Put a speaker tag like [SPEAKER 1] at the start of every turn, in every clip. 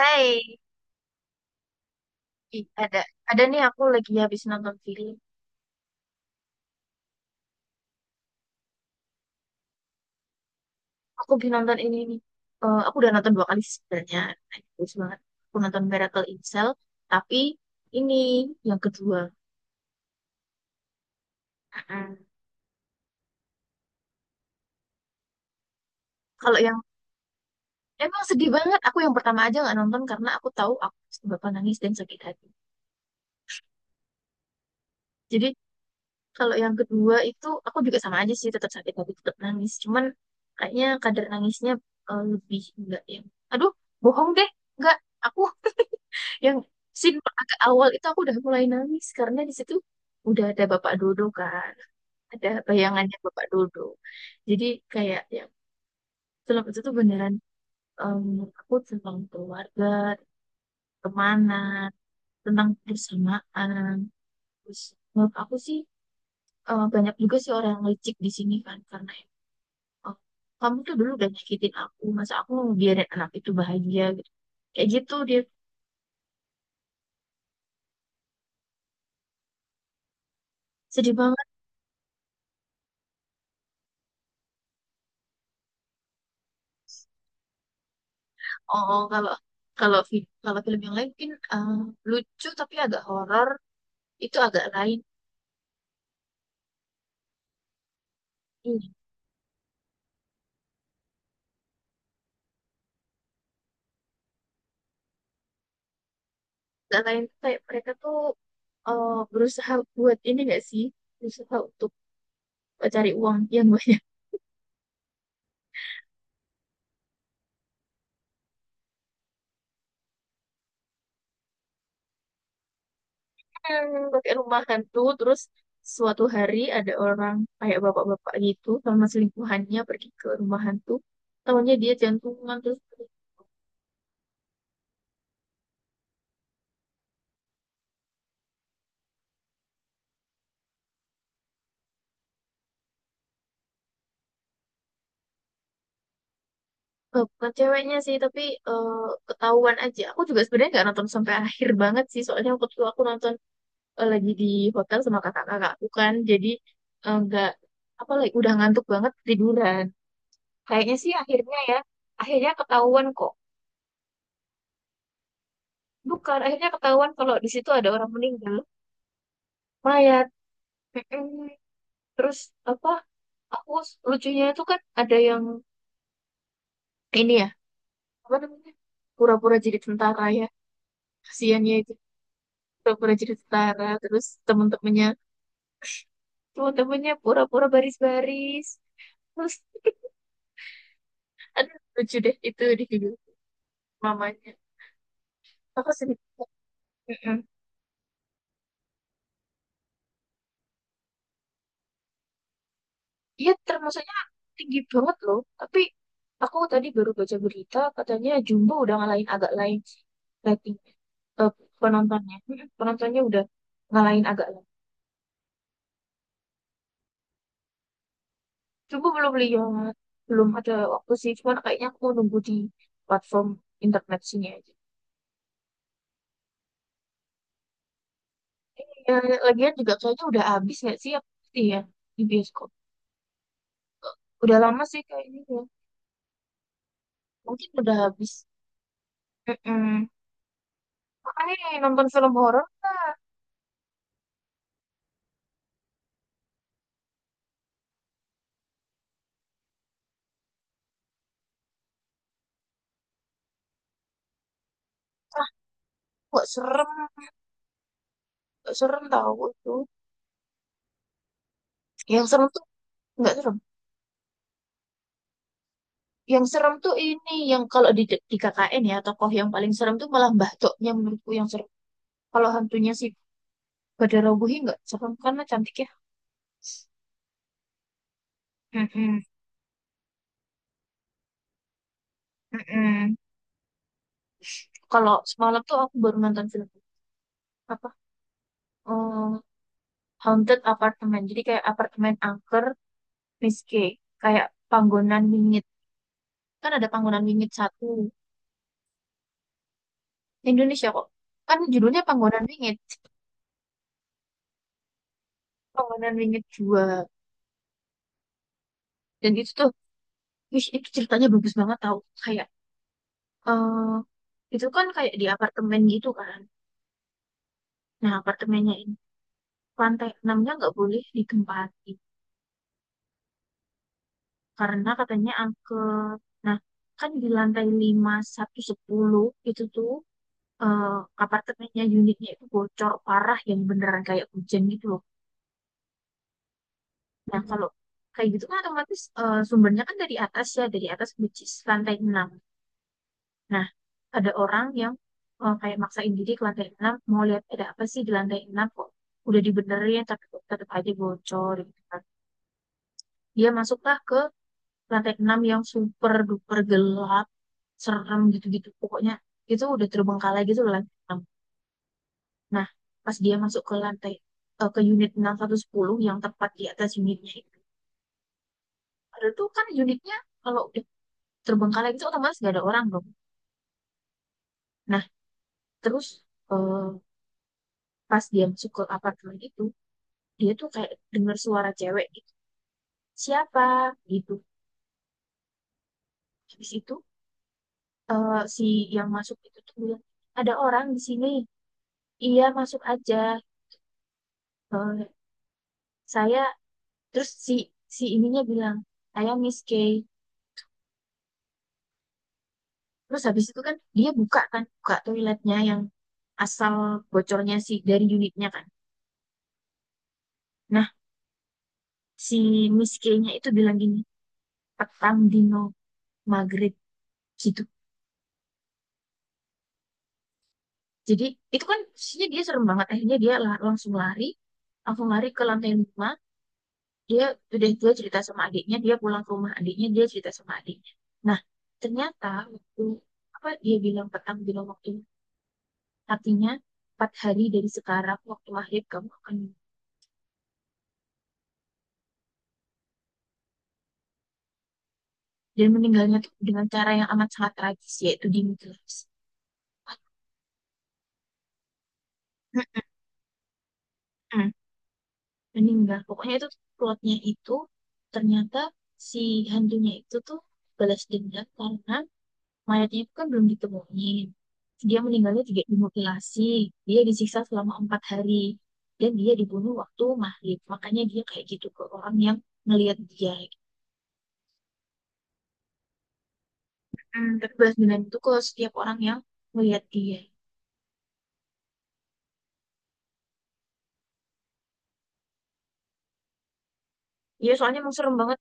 [SPEAKER 1] Hai, Ih, ada nih aku lagi habis nonton film. Aku habis nonton ini nih. Eh, aku udah nonton 2 kali sih sebenarnya. Nah, bagus banget. Aku nonton Miracle in Cell, tapi ini yang kedua. Mm-mm. Kalau yang emang sedih banget. Aku yang pertama aja nggak nonton karena aku tahu aku pasti bakal nangis dan sakit hati. Jadi kalau yang kedua itu aku juga sama aja sih, tetap sakit hati, tetap nangis. Cuman kayaknya kadar nangisnya lebih enggak yang. Aduh, bohong deh, enggak. Aku, yang scene agak awal itu, aku udah mulai nangis karena di situ udah ada Bapak Dodo, kan? Ada bayangannya Bapak Dodo. Jadi kayak ya, film itu tuh beneran em, aku tentang keluarga, pertemanan, tentang persamaan. Terus menurut aku sih banyak juga sih orang yang licik di sini, kan? Karena ya, oh, kamu tuh dulu udah nyakitin aku, masa aku mau biarin anak itu bahagia gitu. Kayak gitu dia. Sedih banget. Oh, oh, kalau kalau film yang lain mungkin lucu tapi agak horor, itu agak lain. Ini agak lain tuh kayak mereka tuh berusaha buat ini gak sih? Berusaha untuk cari uang yang banyak pakai rumah hantu. Terus suatu hari ada orang kayak bapak-bapak gitu sama selingkuhannya pergi ke rumah hantu. Tahunya dia jantungan terus bukan ceweknya sih tapi eh, ketahuan aja. Aku juga sebenarnya nggak nonton sampai akhir banget sih soalnya waktu itu aku nonton lagi di hotel sama kakak kakak, bukan, jadi nggak apa, lagi udah ngantuk banget tiduran. Kayaknya sih akhirnya ya akhirnya ketahuan kok. Bukan, akhirnya ketahuan kalau di situ ada orang meninggal, mayat. Mm-mm. Terus apa, lucunya itu kan ada yang ini ya, apa namanya, pura-pura jadi tentara ya kasihannya itu, pura-pura jadi tentara terus temen-temennya, pura-pura baris-baris terus. Aduh lucu deh itu di video mamanya. Aku sedikit. Mm-mm. Dia termasuknya tinggi banget loh. Tapi aku tadi baru baca berita katanya Jumbo udah ngalahin agak lain rating eh, penontonnya. Mm-mm. Penontonnya udah ngalahin agak lain. Jumbo belum lihat, belum ada waktu sih. Cuman kayaknya aku nunggu di platform internet sini aja. Ya, lagian juga kayaknya udah habis nggak sih ya pasti ya di bioskop. Udah lama sih kayaknya ya. Mungkin udah habis. Mm-mm. Makanya nonton film horor lah. Nggak serem, nggak serem tahu itu. Yang serem tuh nggak serem. Yang serem tuh ini, yang kalau di KKN ya tokoh yang paling serem tuh malah Mbah Toknya, menurutku yang serem. Kalau hantunya si Badara Wuhi nggak serem karena cantik ya. Mm-mm, mm-mm. Kalau semalam tuh aku baru nonton film apa eh, Haunted Apartment, jadi kayak apartemen angker, Miss K. Kayak panggonan wingit, kan ada panggonan wingit satu. Indonesia kok, kan judulnya panggonan wingit. Panggonan wingit dua. Dan itu tuh wih, itu ceritanya bagus banget tau. Kayak, eh itu kan kayak di apartemen gitu kan. Nah, apartemennya ini, lantai enamnya nggak boleh ditempati. Karena katanya angker. Nah, kan di lantai lima satu sepuluh itu tuh eh apartemennya, unitnya itu bocor parah yang beneran kayak hujan gitu loh. Nah, kalau kayak gitu kan otomatis sumbernya kan dari atas ya, dari atas which is lantai 6. Nah, ada orang yang kayak maksain diri ke lantai 6 mau lihat ada apa sih di lantai 6 kok. Udah dibenerin tapi kok tetap aja bocor gitu kan. Dia masuklah ke lantai 6 yang super duper gelap, serem gitu-gitu. Pokoknya itu udah terbengkalai gitu loh, lantai enam. Nah, pas dia masuk ke unit enam satu sepuluh yang tepat di atas unitnya itu. Ada tuh kan unitnya, kalau udah terbengkalai gitu otomatis gak ada orang dong. Nah, terus eh, pas dia masuk ke apartemen itu dia tuh kayak dengar suara cewek gitu. Siapa gitu. Habis itu si yang masuk itu tuh bilang, ada orang di sini. Iya, masuk aja. Eh, saya terus si si ininya bilang, saya Miss K. Terus habis itu kan dia buka kan, buka toiletnya yang asal bocornya si dari unitnya kan. Nah, si Miss K-nya itu bilang gini, petang dino maghrib gitu. Jadi itu kan posisinya dia serem banget. Akhirnya dia langsung lari ke lantai lima. Dia udah dia cerita sama adiknya, dia pulang ke rumah adiknya, dia cerita sama adiknya, nah ternyata waktu, apa dia bilang petang, bilang waktu, artinya 4 hari dari sekarang waktu maghrib kamu akan. Dan meninggalnya tuh dengan cara yang amat sangat tragis yaitu dimutilasi. mm meninggal pokoknya itu plotnya, itu ternyata si hantunya itu tuh balas dendam karena mayatnya itu kan belum ditemuin. Dia meninggalnya juga dimutilasi. Dia disiksa selama 4 hari. Dan dia dibunuh waktu maghrib. Makanya dia kayak gitu ke orang yang ngelihat dia. Hmm, tapi balas dendam itu ke setiap orang yang ngelihat dia. Iya, soalnya emang serem banget.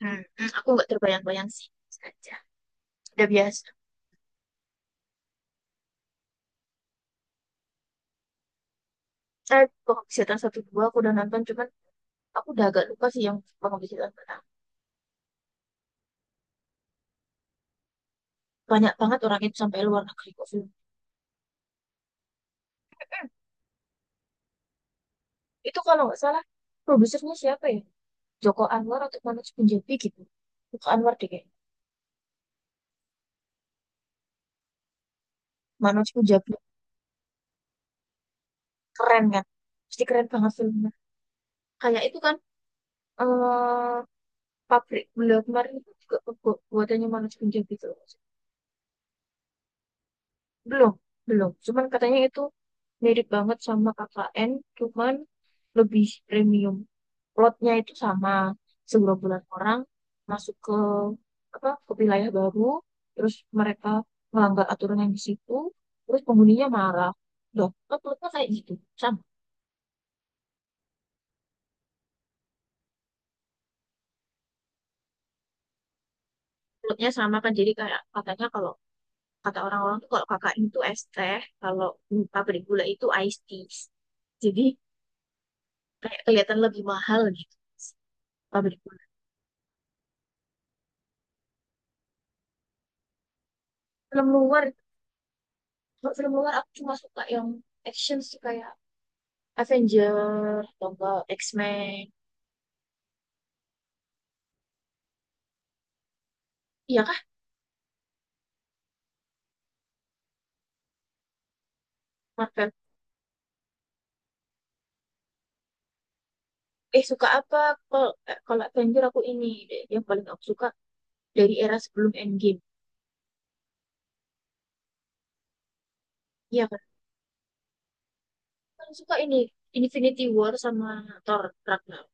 [SPEAKER 1] Hmm, hmm, aku nggak terbayang-bayang sih. Saja. Udah biasa. Penghabisatan satu dua aku udah nonton. Cuman aku udah agak lupa sih yang penghabisatan pertama. Banyak banget orang itu sampai luar negeri kok film. Itu kalau nggak salah, produsernya siapa ya? Joko Anwar atau Manoj Punjabi gitu. Joko Anwar deh kayaknya. Manoj Punjabi keren kan? Pasti keren banget filmnya. Kayak itu kan eh pabrik gula kemarin itu juga pembuatannya Manoj Punjabi tuh. Belum, belum. Cuman katanya itu mirip banget sama KKN, cuman lebih premium. Plotnya itu sama segerombolan orang masuk ke apa, ke wilayah baru, terus mereka melanggar aturan yang di situ, terus penghuninya marah. Loh, kan plotnya kayak gitu. Sama. Plotnya sama kan, jadi kayak katanya kalau kata orang-orang tuh kalau KKN itu es teh, kalau pabrik gula itu iced tea. Jadi kayak kelihatan lebih mahal gitu. Pabrik film luar kalau film luar aku cuma suka yang action sih kayak Avenger atau enggak X-Men, iya kah, Marvel. Suka apa, kalau kalau Avenger aku ini deh yang paling aku suka dari era sebelum Endgame, iya kan. Aku paling suka ini Infinity War sama Thor Ragnarok.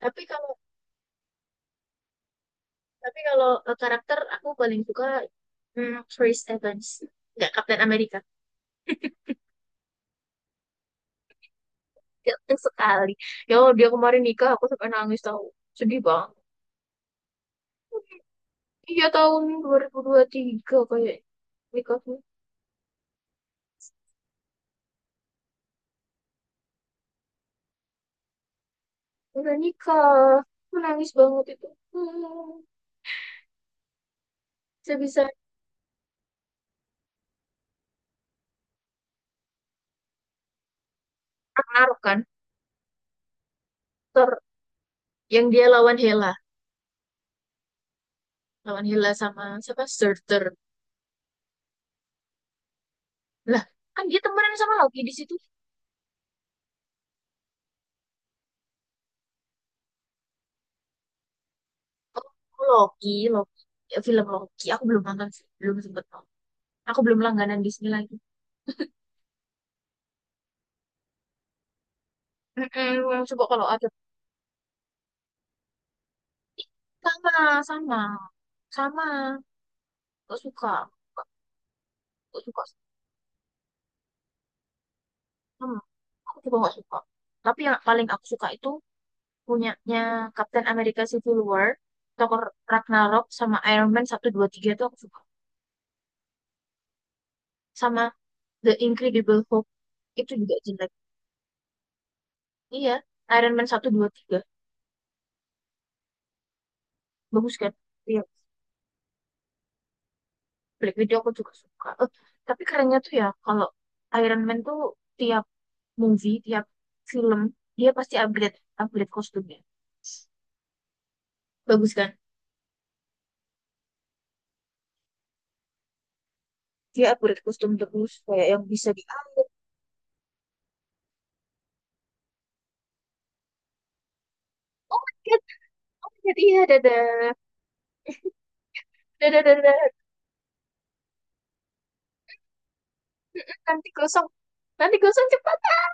[SPEAKER 1] Tapi kalau tapi kalau karakter aku paling suka, Chris Evans, nggak, Captain America. Ganteng sekali ya Allah, dia kemarin nikah aku sampai nangis tahu, sedih banget. Iya, tahun dua ribu tiga kayak nikahnya. Udah nikah. Aku nangis banget itu. Hmm. Bisa-bisa naruh kan. Ter yang dia lawan Hela. Lawan Hela sama siapa? Surtur. Lah, kan dia temenan sama Loki di situ. Oh, Loki, Loki. Ya, film Loki. Aku belum nonton sih. Belum sempet nonton. Aku belum langganan di sini lagi. Mm-mm, coba kalau ada. Sama, sama. Sama. Gak suka. Gak, gak suka. Hmm. Aku juga gak suka. Tapi yang paling aku suka itu punyanya Captain America Civil War, Thor Ragnarok, sama Iron Man 1 2 3 itu aku suka. Sama The Incredible Hulk itu juga jelek. Iya, Iron Man 1 2 3 bagus kan? Iya, Black Widow aku juga suka. Tapi kerennya tuh ya kalau Iron Man tuh tiap movie, tiap film, dia pasti upgrade upgrade kostumnya. Bagus kan? Dia upgrade kostum terus kayak yang bisa di upgrade. Oh my god, oh my god, iya dadah. Dadah, dadah, dadah. Nanti gosong. Nanti gosong cepat.